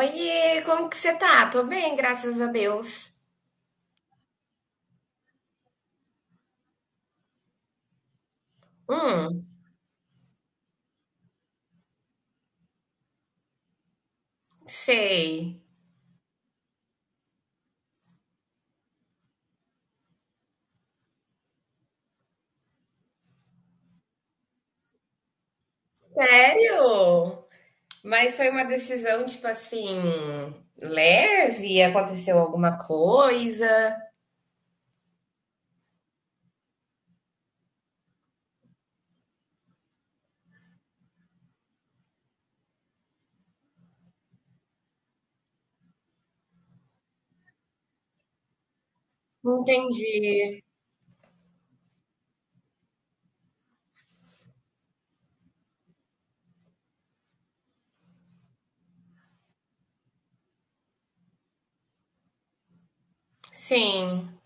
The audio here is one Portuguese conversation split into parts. Oiê, como que você tá? Tô bem, graças a Deus. Hum, sei. Sério? Mas foi uma decisão, tipo assim, leve? Aconteceu alguma coisa? Entendi. Sim.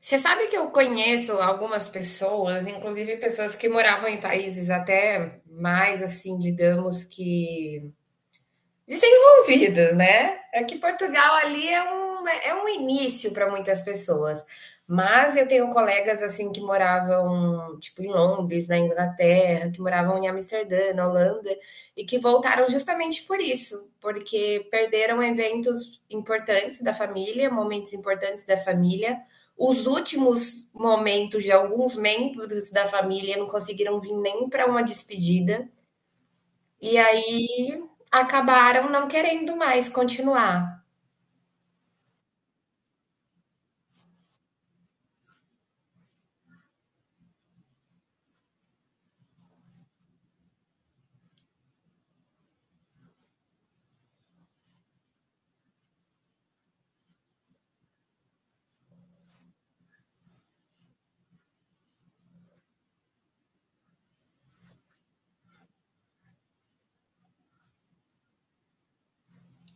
Você sabe que eu conheço algumas pessoas, inclusive pessoas que moravam em países até mais assim, digamos que desenvolvidos, né? É que Portugal ali é um início para muitas pessoas. Mas eu tenho colegas assim que moravam tipo em Londres, na Inglaterra, que moravam em Amsterdã, na Holanda, e que voltaram justamente por isso, porque perderam eventos importantes da família, momentos importantes da família. Os últimos momentos de alguns membros da família não conseguiram vir nem para uma despedida. E aí acabaram não querendo mais continuar.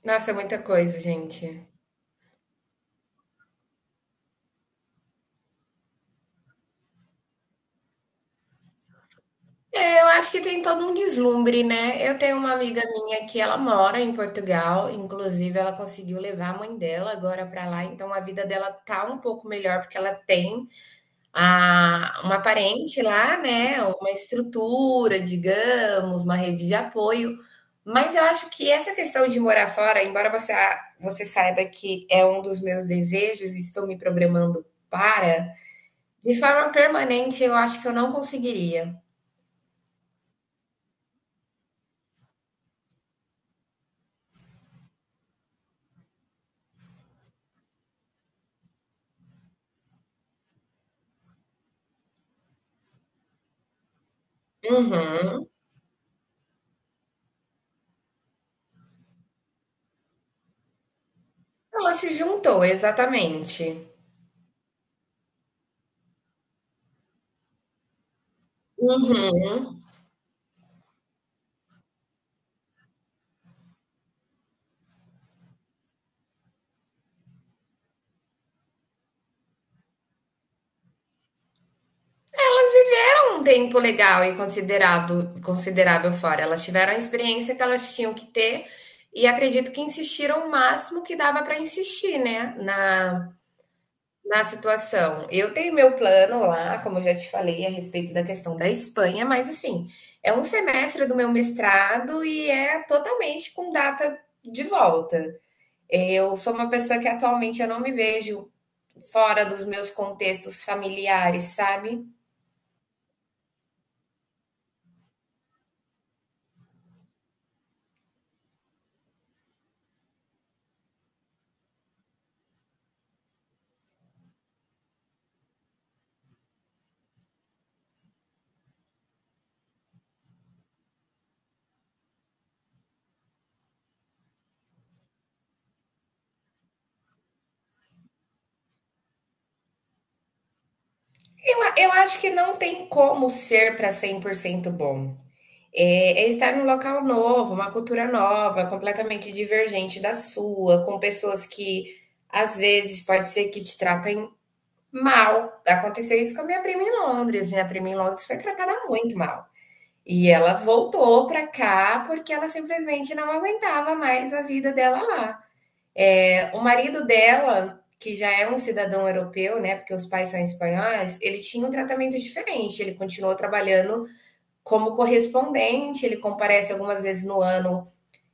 Nossa, é muita coisa, gente. É, eu acho que tem todo um deslumbre, né? Eu tenho uma amiga minha que ela mora em Portugal, inclusive ela conseguiu levar a mãe dela agora para lá, então a vida dela tá um pouco melhor porque ela tem a uma parente lá, né, uma estrutura, digamos, uma rede de apoio. Mas eu acho que essa questão de morar fora, embora você, você saiba que é um dos meus desejos e estou me programando para, de forma permanente eu acho que eu não conseguiria. Uhum. Ela se juntou, exatamente. Uhum. Elas viveram um tempo legal e considerado, considerável fora. Elas tiveram a experiência que elas tinham que ter e acredito que insistiram o máximo que dava para insistir, né, na, na situação. Eu tenho meu plano lá, como eu já te falei, a respeito da questão da Espanha, mas assim, é um semestre do meu mestrado e é totalmente com data de volta. Eu sou uma pessoa que atualmente eu não me vejo fora dos meus contextos familiares, sabe? Eu acho que não tem como ser para 100% bom. É estar num local novo, uma cultura nova, completamente divergente da sua, com pessoas que às vezes pode ser que te tratem mal. Aconteceu isso com a minha prima em Londres. Minha prima em Londres foi tratada muito mal. E ela voltou para cá porque ela simplesmente não aguentava mais a vida dela lá. O marido dela, que já é um cidadão europeu, né, porque os pais são espanhóis, ele tinha um tratamento diferente. Ele continuou trabalhando como correspondente, ele comparece algumas vezes no ano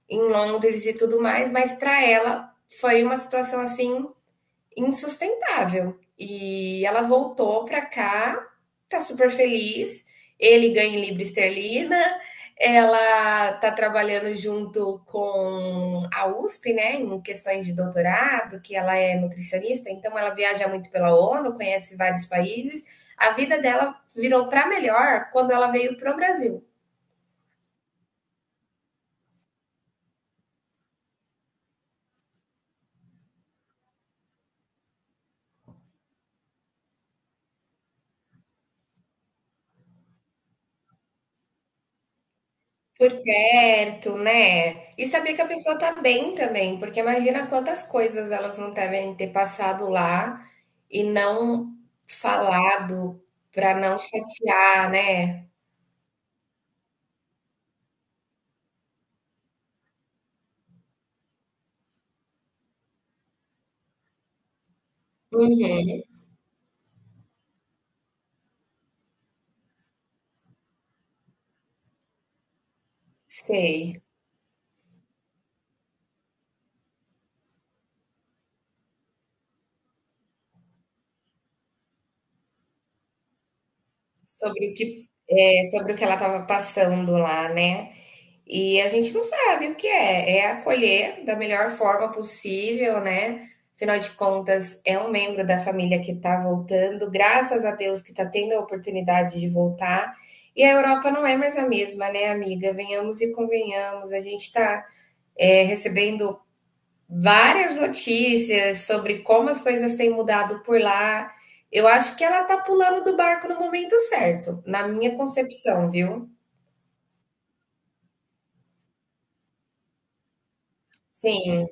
em Londres e tudo mais, mas para ela foi uma situação assim insustentável. E ela voltou para cá, tá super feliz. Ele ganha em libra esterlina, ela tá trabalhando junto com a USP, né, em questões de doutorado, que ela é nutricionista, então ela viaja muito pela ONU, conhece vários países. A vida dela virou para melhor quando ela veio pro Brasil. Por perto, né? E saber que a pessoa tá bem também, porque imagina quantas coisas elas não devem ter passado lá e não falado pra não chatear, né? Uhum. Sei, sobre o que é, sobre o que ela tava passando lá, né? E a gente não sabe o que é. É acolher da melhor forma possível, né? Afinal de contas, é um membro da família que está voltando, graças a Deus que está tendo a oportunidade de voltar. E a Europa não é mais a mesma, né, amiga? Venhamos e convenhamos. A gente está recebendo várias notícias sobre como as coisas têm mudado por lá. Eu acho que ela está pulando do barco no momento certo, na minha concepção, viu? Sim.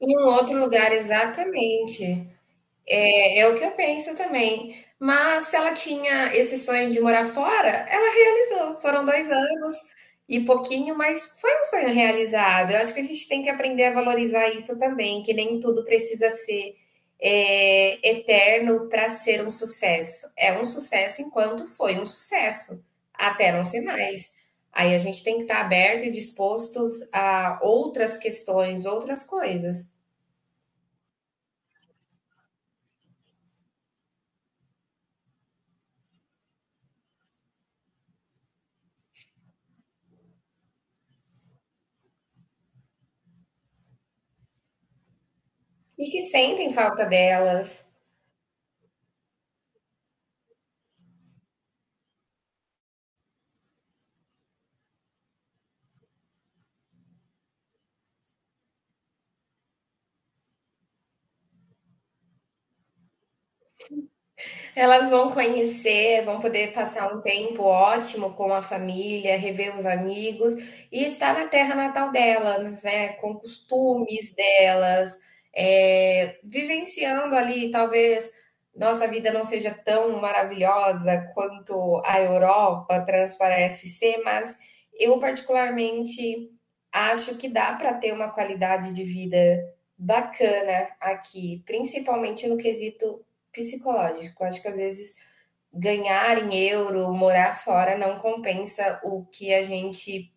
Em um outro lugar, exatamente. É, é o que eu penso também. Mas se ela tinha esse sonho de morar fora, ela realizou. Foram 2 anos e pouquinho, mas foi um sonho realizado. Eu acho que a gente tem que aprender a valorizar isso também, que nem tudo precisa ser eterno para ser um sucesso. É um sucesso enquanto foi um sucesso, até não ser mais. Aí a gente tem que estar aberto e dispostos a outras questões, outras coisas. E que sentem falta delas. Elas vão conhecer, vão poder passar um tempo ótimo com a família, rever os amigos e estar na terra natal delas, né? Com costumes delas, é, vivenciando ali, talvez nossa vida não seja tão maravilhosa quanto a Europa transparece ser, mas eu particularmente acho que dá para ter uma qualidade de vida bacana aqui, principalmente no quesito psicológico. Acho que às vezes ganhar em euro, morar fora, não compensa o que a gente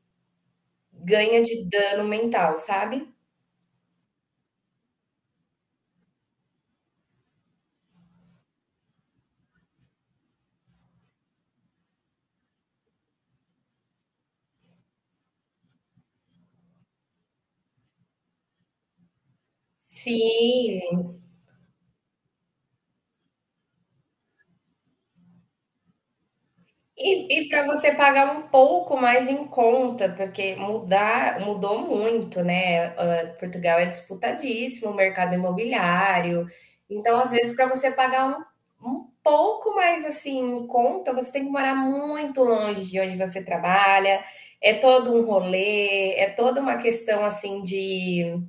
ganha de dano mental, sabe? Sim. E para você pagar um pouco mais em conta, porque mudar, mudou muito, né? Ah, Portugal é disputadíssimo, o mercado imobiliário. Então, às vezes, para você pagar um pouco mais assim em conta, você tem que morar muito longe de onde você trabalha. É todo um rolê, é toda uma questão assim de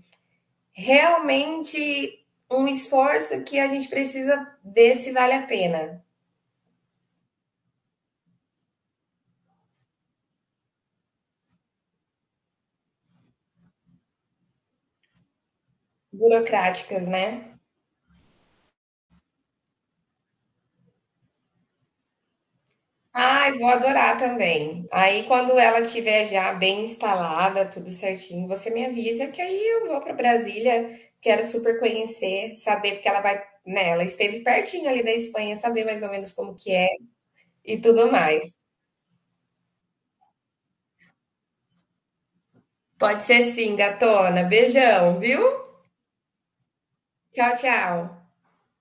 realmente um esforço que a gente precisa ver se vale a pena. Burocráticas, né? Ai, vou adorar também. Aí, quando ela tiver já bem instalada, tudo certinho, você me avisa que aí eu vou para Brasília. Quero super conhecer, saber, porque ela vai, né? Ela esteve pertinho ali da Espanha, saber mais ou menos como que é e tudo mais. Pode ser sim, gatona. Beijão, viu? Tchau, tchau.